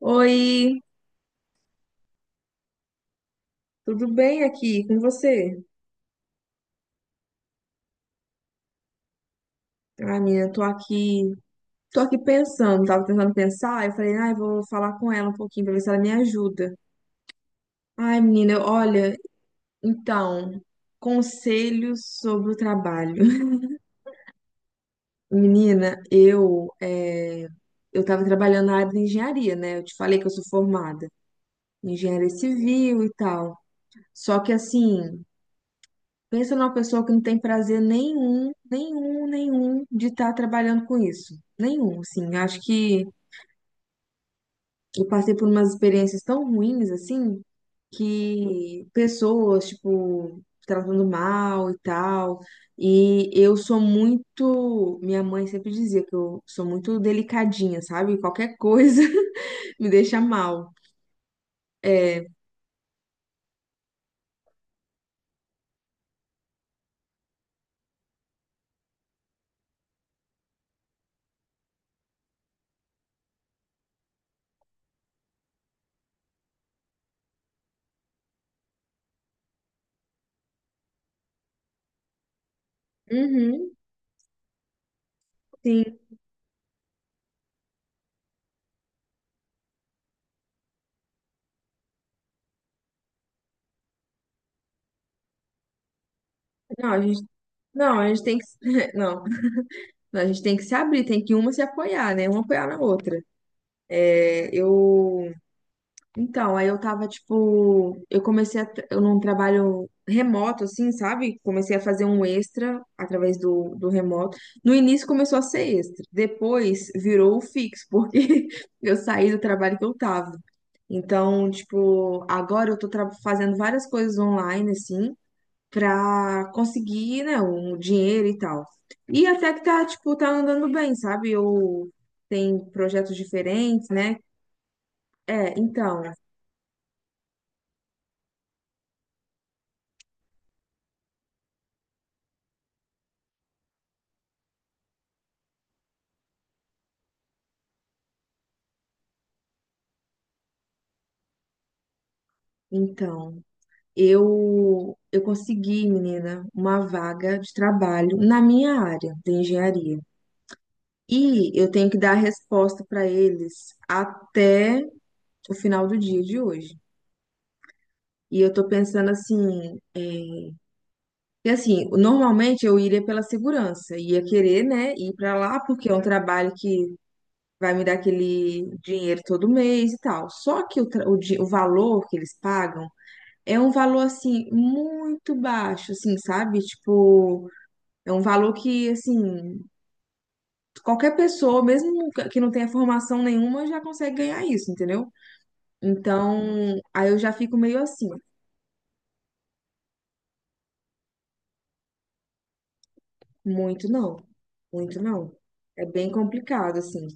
Oi, tudo bem aqui com você? Ai, menina, tô aqui pensando, tava tentando pensar, eu falei, ai, vou falar com ela um pouquinho pra ver se ela me ajuda. Ai, menina, olha, então, conselhos sobre o trabalho. Menina, eu tava trabalhando na área de engenharia, né? Eu te falei que eu sou formada em engenharia civil e tal. Só que assim, pensa numa pessoa que não tem prazer nenhum, nenhum, nenhum de estar trabalhando com isso. Nenhum, assim. Acho que eu passei por umas experiências tão ruins, assim, que pessoas, tipo, tratando mal e tal. E eu sou muito. Minha mãe sempre dizia que eu sou muito delicadinha, sabe? Qualquer coisa me deixa mal. É. Uhum, sim. Não, a gente. Não, a gente tem que. Não. A gente tem que se abrir, tem que uma se apoiar, né? Uma apoiar na outra. É, eu. Então, aí eu tava, tipo. Eu comecei a. Eu num trabalho remoto, assim, sabe? Comecei a fazer um extra através do remoto. No início começou a ser extra, depois virou o fixo, porque eu saí do trabalho que eu tava. Então, tipo, agora eu tô fazendo várias coisas online, assim para conseguir, né, um dinheiro e tal. E até que tá, tipo, tá andando bem, sabe? Eu tem projetos diferentes, né? É, então, eu consegui, menina, uma vaga de trabalho na minha área de engenharia. E eu tenho que dar a resposta para eles até o final do dia de hoje. E eu tô pensando assim. E assim, normalmente eu iria pela segurança, ia querer, né, ir pra lá porque é um trabalho que vai me dar aquele dinheiro todo mês e tal. Só que o, tra- o, di- o valor que eles pagam é um valor assim muito baixo, assim, sabe? Tipo, é um valor que assim, qualquer pessoa, mesmo que não tenha formação nenhuma, já consegue ganhar isso, entendeu? Então, aí eu já fico meio assim. Muito não, muito não. É bem complicado, assim.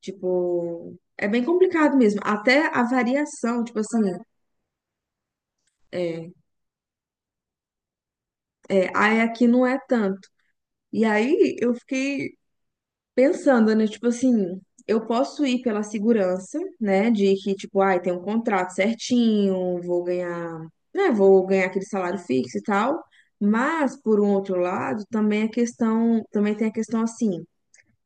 Tipo, é bem complicado mesmo. Até a variação, tipo assim, é, aí aqui não é tanto. E aí eu fiquei pensando, né? Tipo assim, eu posso ir pela segurança, né? De que, tipo, ai, tem um contrato certinho, vou ganhar, né? Vou ganhar aquele salário fixo e tal. Mas, por um outro lado, também a questão, também tem a questão assim.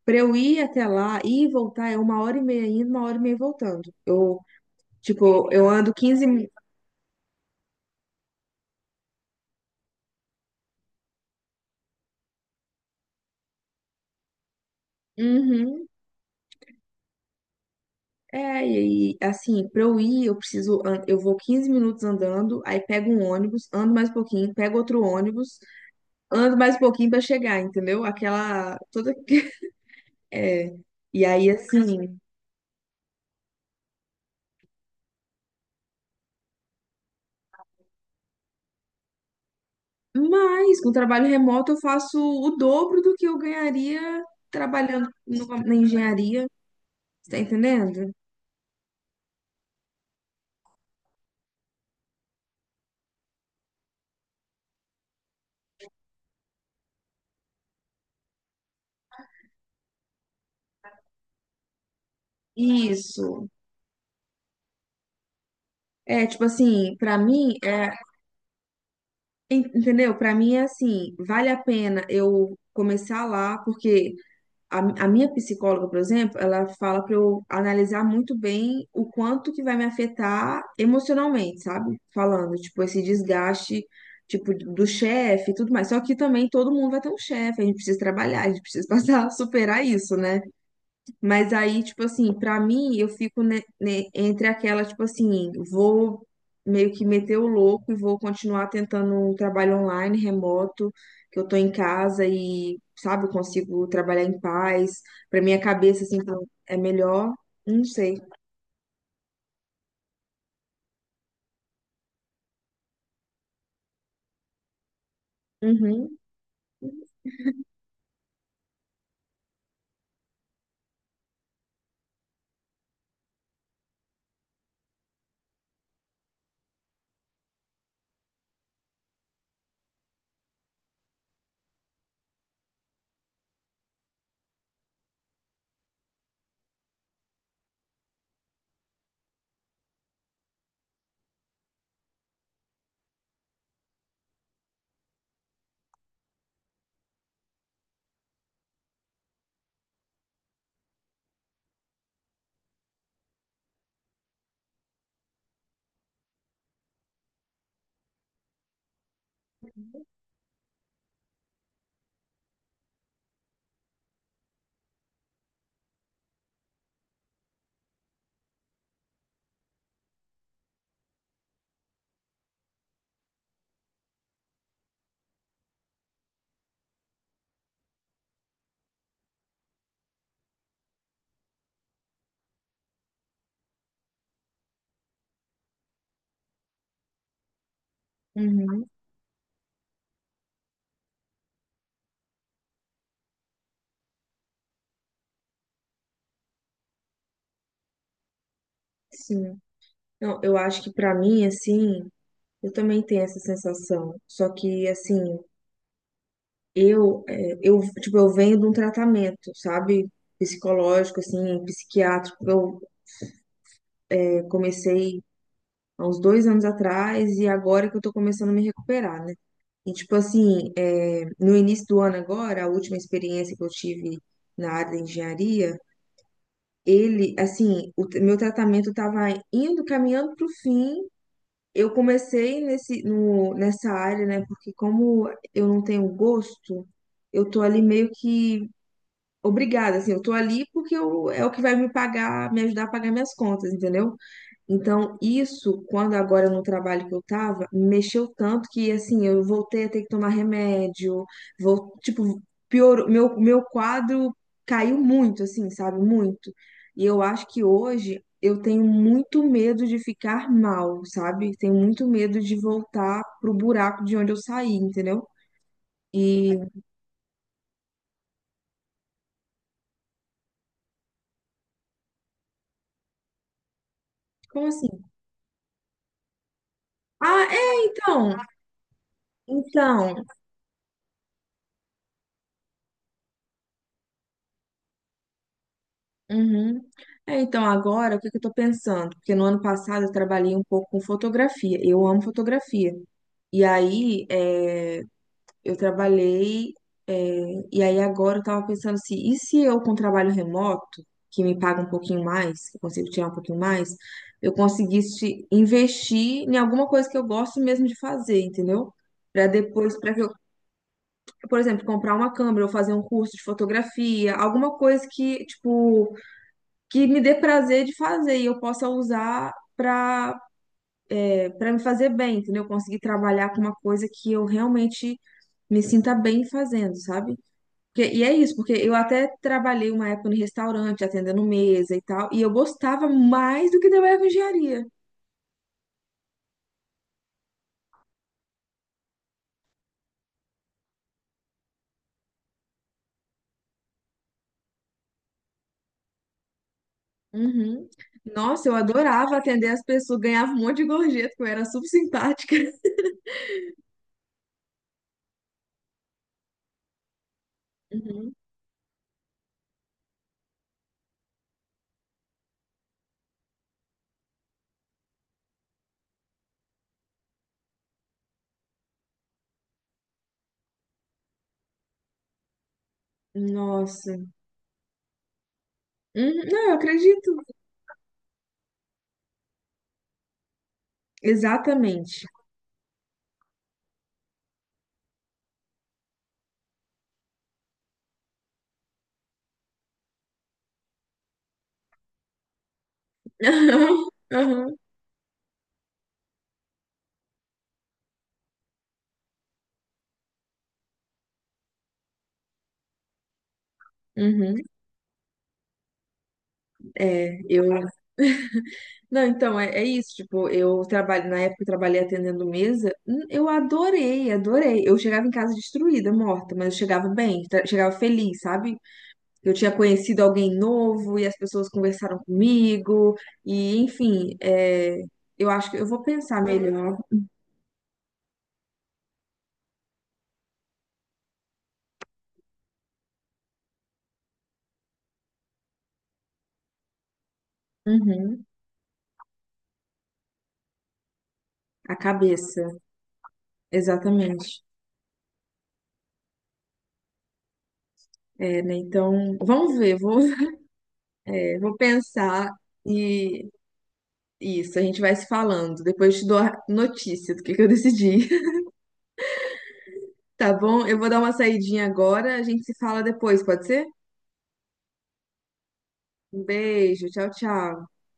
Pra eu ir até lá ir e voltar é uma hora e meia indo, uma hora e meia voltando. Eu, tipo, eu ando 15 minutos. Uhum. É, e assim, pra eu ir, eu preciso. Eu vou 15 minutos andando, aí pego um ônibus, ando mais um pouquinho, pego outro ônibus, ando mais um pouquinho pra chegar, entendeu? Aquela. Toda. É. E aí, assim. Mas com trabalho remoto eu faço o dobro do que eu ganharia trabalhando na engenharia, tá entendendo? Isso. É, tipo assim, pra mim, entendeu? Pra mim é assim, vale a pena eu começar lá, porque a, a minha psicóloga, por exemplo, ela fala pra eu analisar muito bem o quanto que vai me afetar emocionalmente, sabe? Falando, tipo, esse desgaste, tipo, do chefe e tudo mais. Só que também todo mundo vai ter um chefe, a gente precisa trabalhar, a gente precisa passar, superar isso, né? Mas aí, tipo assim, pra mim, eu fico entre aquela, tipo assim, vou meio que meter o louco e vou continuar tentando um trabalho online, remoto, que eu tô em casa e, sabe, eu consigo trabalhar em paz. Pra minha cabeça, assim, tá- é melhor. Não sei. Uhum, uhum, sim. Não, eu acho que pra mim, assim, eu também tenho essa sensação. Só que, assim. Eu, tipo, eu venho de um tratamento, sabe? Psicológico, assim, psiquiátrico. Comecei há uns 2 anos atrás e agora que eu tô começando a me recuperar, né? E, tipo, assim, é, no início do ano agora, a última experiência que eu tive na área da engenharia, ele, assim, meu tratamento tava indo, caminhando pro fim. Eu comecei nesse, no, nessa área, né? Porque como eu não tenho gosto, eu tô ali meio que obrigada, assim, eu tô ali porque eu, é o que vai me pagar, me ajudar a pagar minhas contas, entendeu? Então, isso, quando agora no trabalho que eu tava, mexeu tanto que, assim, eu voltei a ter que tomar remédio, vou, tipo, piorou, meu quadro caiu muito, assim, sabe? Muito. E eu acho que hoje eu tenho muito medo de ficar mal, sabe? Tenho muito medo de voltar pro buraco de onde eu saí, entendeu? E, como assim? Ah, é, então, então. Uhum. É, então, agora, o que que eu tô pensando? Porque no ano passado eu trabalhei um pouco com fotografia. Eu amo fotografia. E aí, é, eu trabalhei, é, e aí agora eu tava pensando assim, e se eu com trabalho remoto, que me paga um pouquinho mais, que eu consigo tirar um pouquinho mais, eu conseguisse investir em alguma coisa que eu gosto mesmo de fazer, entendeu? Pra depois, para que eu, por exemplo, comprar uma câmera ou fazer um curso de fotografia, alguma coisa que, tipo, que me dê prazer de fazer e eu possa usar para me fazer bem, entendeu? Eu conseguir trabalhar com uma coisa que eu realmente me sinta bem fazendo, sabe? Porque- e é isso, porque eu até trabalhei uma época no restaurante, atendendo mesa e tal, e eu gostava mais do que trabalhar com engenharia. Uhum. Nossa, eu adorava atender as pessoas, ganhava um monte de gorjeta, porque eu era super simpática. Uhum. Nossa. Uhum, não, eu acredito. Exatamente. Uhum. Uhum. É, eu. Não, então, é, é isso. Tipo, eu trabalho, na época eu trabalhei atendendo mesa, eu adorei, adorei. Eu chegava em casa destruída, morta, mas eu chegava bem, chegava feliz, sabe? Eu tinha conhecido alguém novo e as pessoas conversaram comigo, e enfim, eu acho que eu vou pensar melhor. Uhum, a cabeça, exatamente. É, né? Então, vamos ver, vou, vou pensar e. Isso, a gente vai se falando. Depois eu te dou a notícia do que eu decidi. Tá bom? Eu vou dar uma saidinha agora, a gente se fala depois, pode ser? Um beijo, tchau, tchau.